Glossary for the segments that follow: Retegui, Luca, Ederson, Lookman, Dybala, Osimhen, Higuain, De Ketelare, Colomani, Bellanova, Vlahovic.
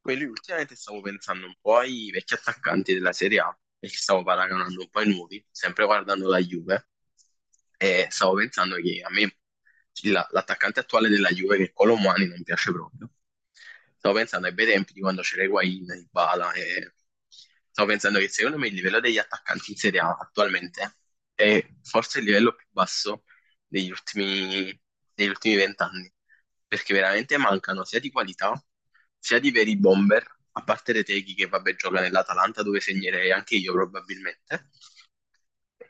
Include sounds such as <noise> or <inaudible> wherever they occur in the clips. Quelli ultimamente stavo pensando un po' ai vecchi attaccanti della Serie A, perché stavo paragonando un po' ai nuovi, sempre guardando la Juve, e stavo pensando che a me l'attaccante attuale della Juve, che è Colomani, non piace proprio. Stavo pensando ai bei tempi di quando c'era Higuain, Dybala e stavo pensando che secondo me il livello degli attaccanti in Serie A attualmente è forse il livello più basso degli ultimi degli ultimi 20 anni, perché veramente mancano sia di qualità sia di veri bomber, a parte Retegui che vabbè gioca nell'Atalanta dove segnerei anche io probabilmente,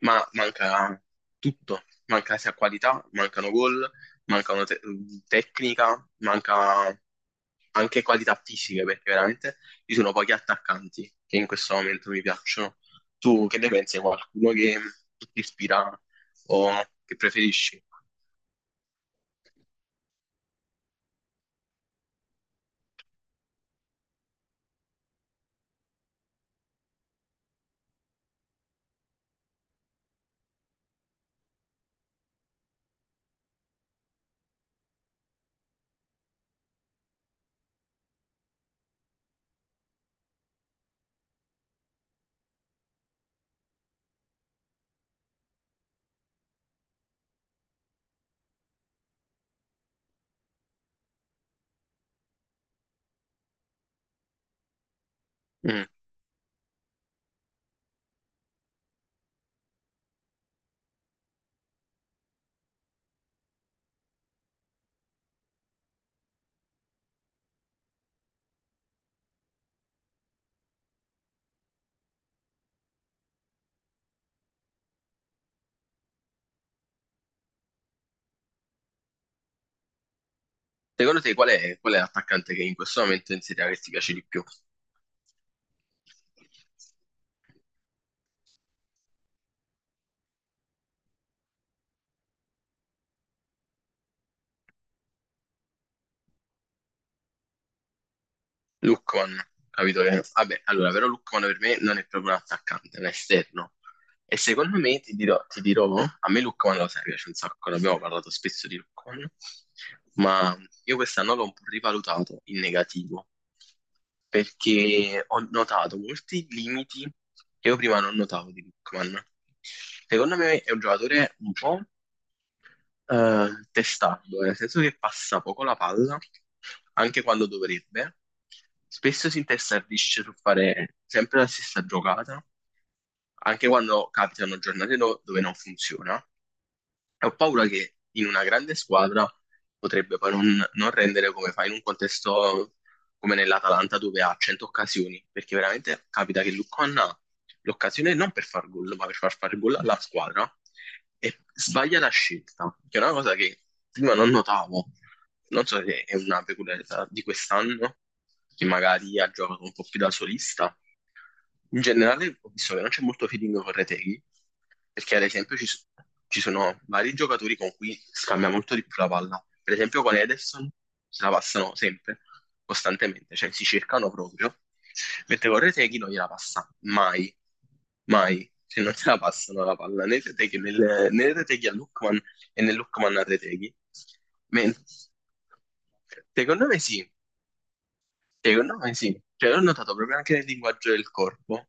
ma manca tutto, manca sia qualità, mancano gol, manca una tecnica, manca anche qualità fisiche, perché veramente ci sono pochi attaccanti che in questo momento mi piacciono. Tu che ne pensi? Qualcuno che ti ispira o che preferisci? Mm. Secondo te qual è l'attaccante che in questo momento in Serie A che ti piace di più? Lookman, capito? Vabbè, allora, però Lookman per me non è proprio un attaccante, è un esterno. E secondo me, ti dirò, a me Lookman lo sai, piace un sacco, ne abbiamo parlato spesso di Lookman, ma io quest'anno l'ho un po' rivalutato in negativo, perché ho notato molti limiti che io prima non notavo di Lookman. Secondo me è un giocatore un po' testardo, nel senso che passa poco la palla, anche quando dovrebbe. Spesso si intestardisce su fare sempre la stessa giocata, anche quando capitano giornate dove non funziona. E ho paura che in una grande squadra potrebbe poi non rendere come fa in un contesto come nell'Atalanta dove ha 100 occasioni, perché veramente capita che Lucon ha l'occasione non per far gol, ma per far fare gol alla squadra e sbaglia la scelta, che è una cosa che prima non notavo. Non so se è una peculiarità di quest'anno, che magari ha giocato un po' più da solista, in generale ho visto che non c'è molto feeling con Retegui, perché ad esempio ci sono vari giocatori con cui scambia molto di più la palla. Per esempio con Ederson se la passano sempre, costantemente, cioè si cercano proprio, mentre con Retegui non gliela passa mai, mai. Se non se la passano la palla né Retegui, né Retegui a Lookman e né Lookman a Retegui. Men- Secondo me sì. Secondo me sì, cioè l'ho notato proprio anche nel linguaggio del corpo.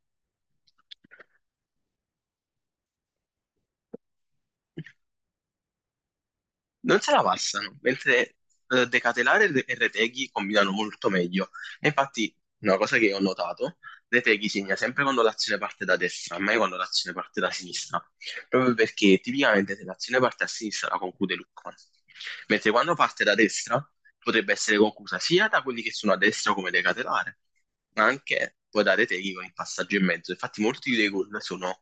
Non se la passano, mentre De Ketelare e Retegui combinano molto meglio. E infatti, una cosa che ho notato, Retegui segna sempre quando l'azione parte da destra, mai quando l'azione parte da sinistra, proprio perché tipicamente se l'azione parte a sinistra la conclude Lukman, mentre quando parte da destra potrebbe essere conclusa sia da quelli che sono a destra come De Ketelare, ma anche poi da Retegui con il passaggio in mezzo. Infatti molti dei gol sono,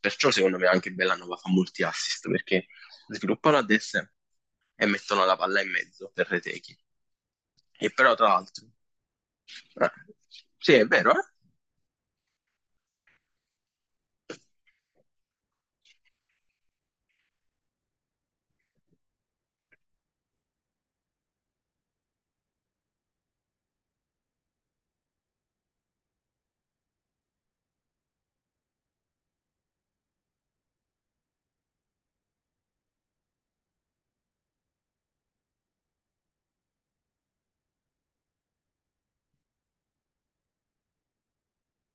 perciò secondo me anche Bellanova fa molti assist, perché sviluppano a destra e mettono la palla in mezzo per Retechi. E però, tra l'altro, eh, sì, è vero, eh?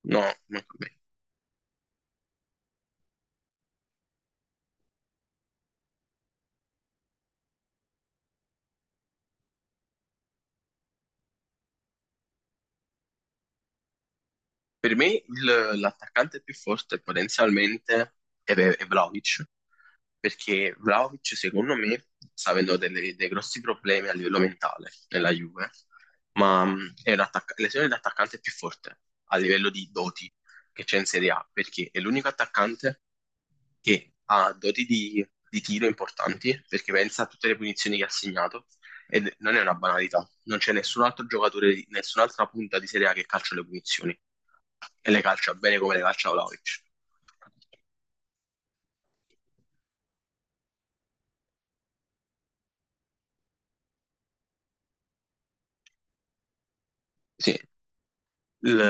No, manco a me. Per me l'attaccante più forte potenzialmente è Vlahovic, perché Vlahovic secondo me sta avendo dei grossi problemi a livello mentale nella Juve, ma è un l'esempio di attaccante più forte a livello di doti che c'è in Serie A, perché è l'unico attaccante che ha doti di tiro importanti, perché pensa a tutte le punizioni che ha segnato, e non è una banalità, non c'è nessun altro giocatore, nessun'altra punta di Serie A che calcia le punizioni, e le calcia bene come le calcia Vlahovic. Sì, Il-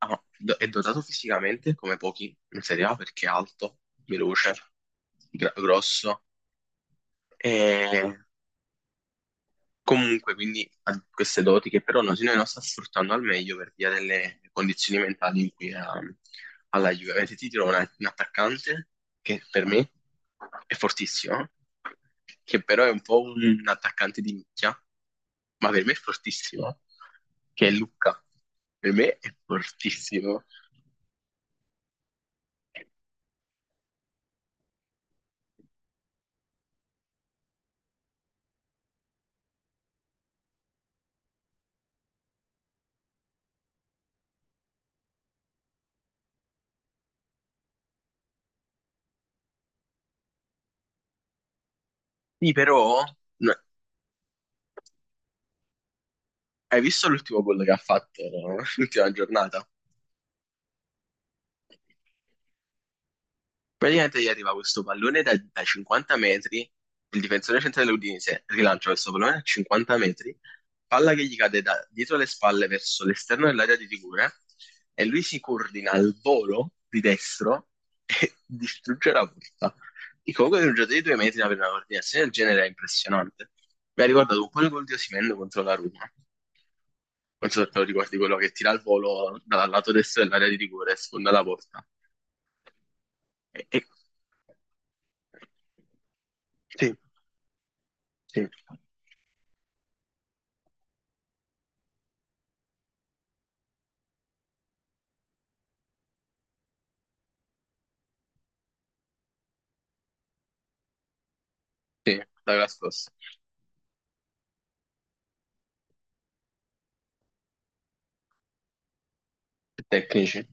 ah, no, do- è dotato fisicamente come pochi in Serie A perché è alto, veloce, grosso e comunque quindi ha queste doti che però noi non sta sfruttando al meglio per via delle condizioni mentali in cui è alla Juve. Avete ti trovo un attaccante che per me è fortissimo, che però è un po' un attaccante di nicchia, ma per me è fortissimo, che è Luca. Per me è fortissimo. Sì, però no, hai visto l'ultimo gol che ha fatto, no? <laughs> L'ultima giornata? Praticamente gli arriva questo pallone da 50 metri, il difensore centrale dell'Udinese rilancia questo pallone a 50 metri, palla che gli cade da dietro le spalle verso l'esterno dell'area di rigore e lui si coordina al volo di destro e <laughs> distrugge la porta. E comunque per un giocatore di 2 metri avere una coordinazione del genere è impressionante. Mi ha ricordato un po' il gol di Osimhen contro la Roma. Non so se te lo ricordi, quello che tira il volo dal lato destro dell'area di rigore e sfonda la porta. E, e- Sì, sì. Sì, da quella scorsa. Tecnici.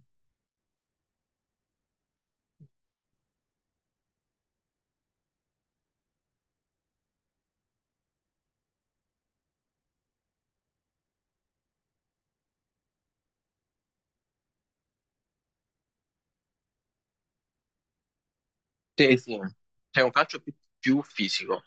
Sì, sì. C'è un calcio più, più fisico.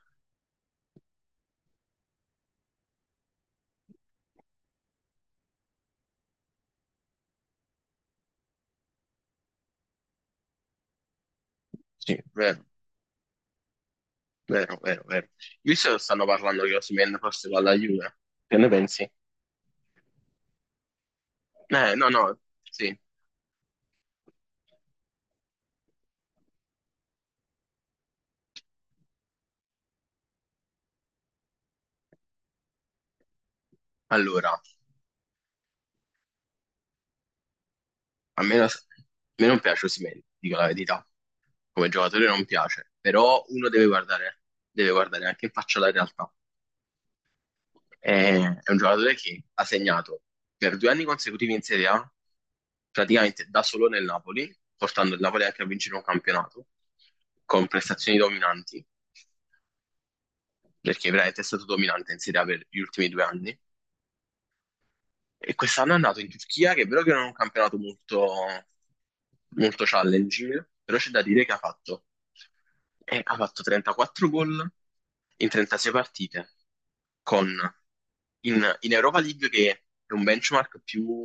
Sì, vero, vero, vero, vero. Io so che stanno parlando che Osimhen forse va alla Juve. Che ne pensi? No, no, sì. Allora, a me non piace Osimhen, dico la verità. Come giocatore non piace, però uno deve guardare anche in faccia la realtà. È un giocatore che ha segnato per 2 anni consecutivi in Serie A, praticamente da solo nel Napoli, portando il Napoli anche a vincere un campionato, con prestazioni dominanti, perché veramente è stato dominante in Serie A per gli ultimi 2 anni. E quest'anno è andato in Turchia, che è vero che non è un campionato molto, molto challenging, però c'è da dire che ha fatto 34 gol in 36 partite, con in Europa League che è un benchmark più,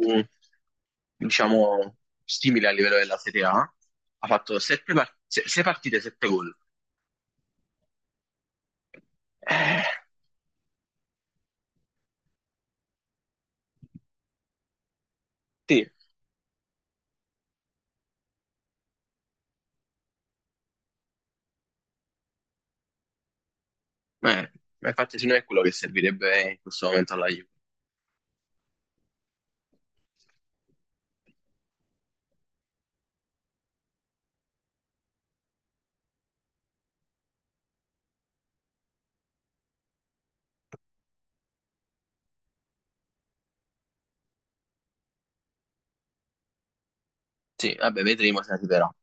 diciamo, simile a livello della Serie A, ha fatto 6 partite, 7 gol. Eh, sì, ma infatti se no è quello che servirebbe in questo momento alla Juve. Sì, vabbè, vedremo se arriverà.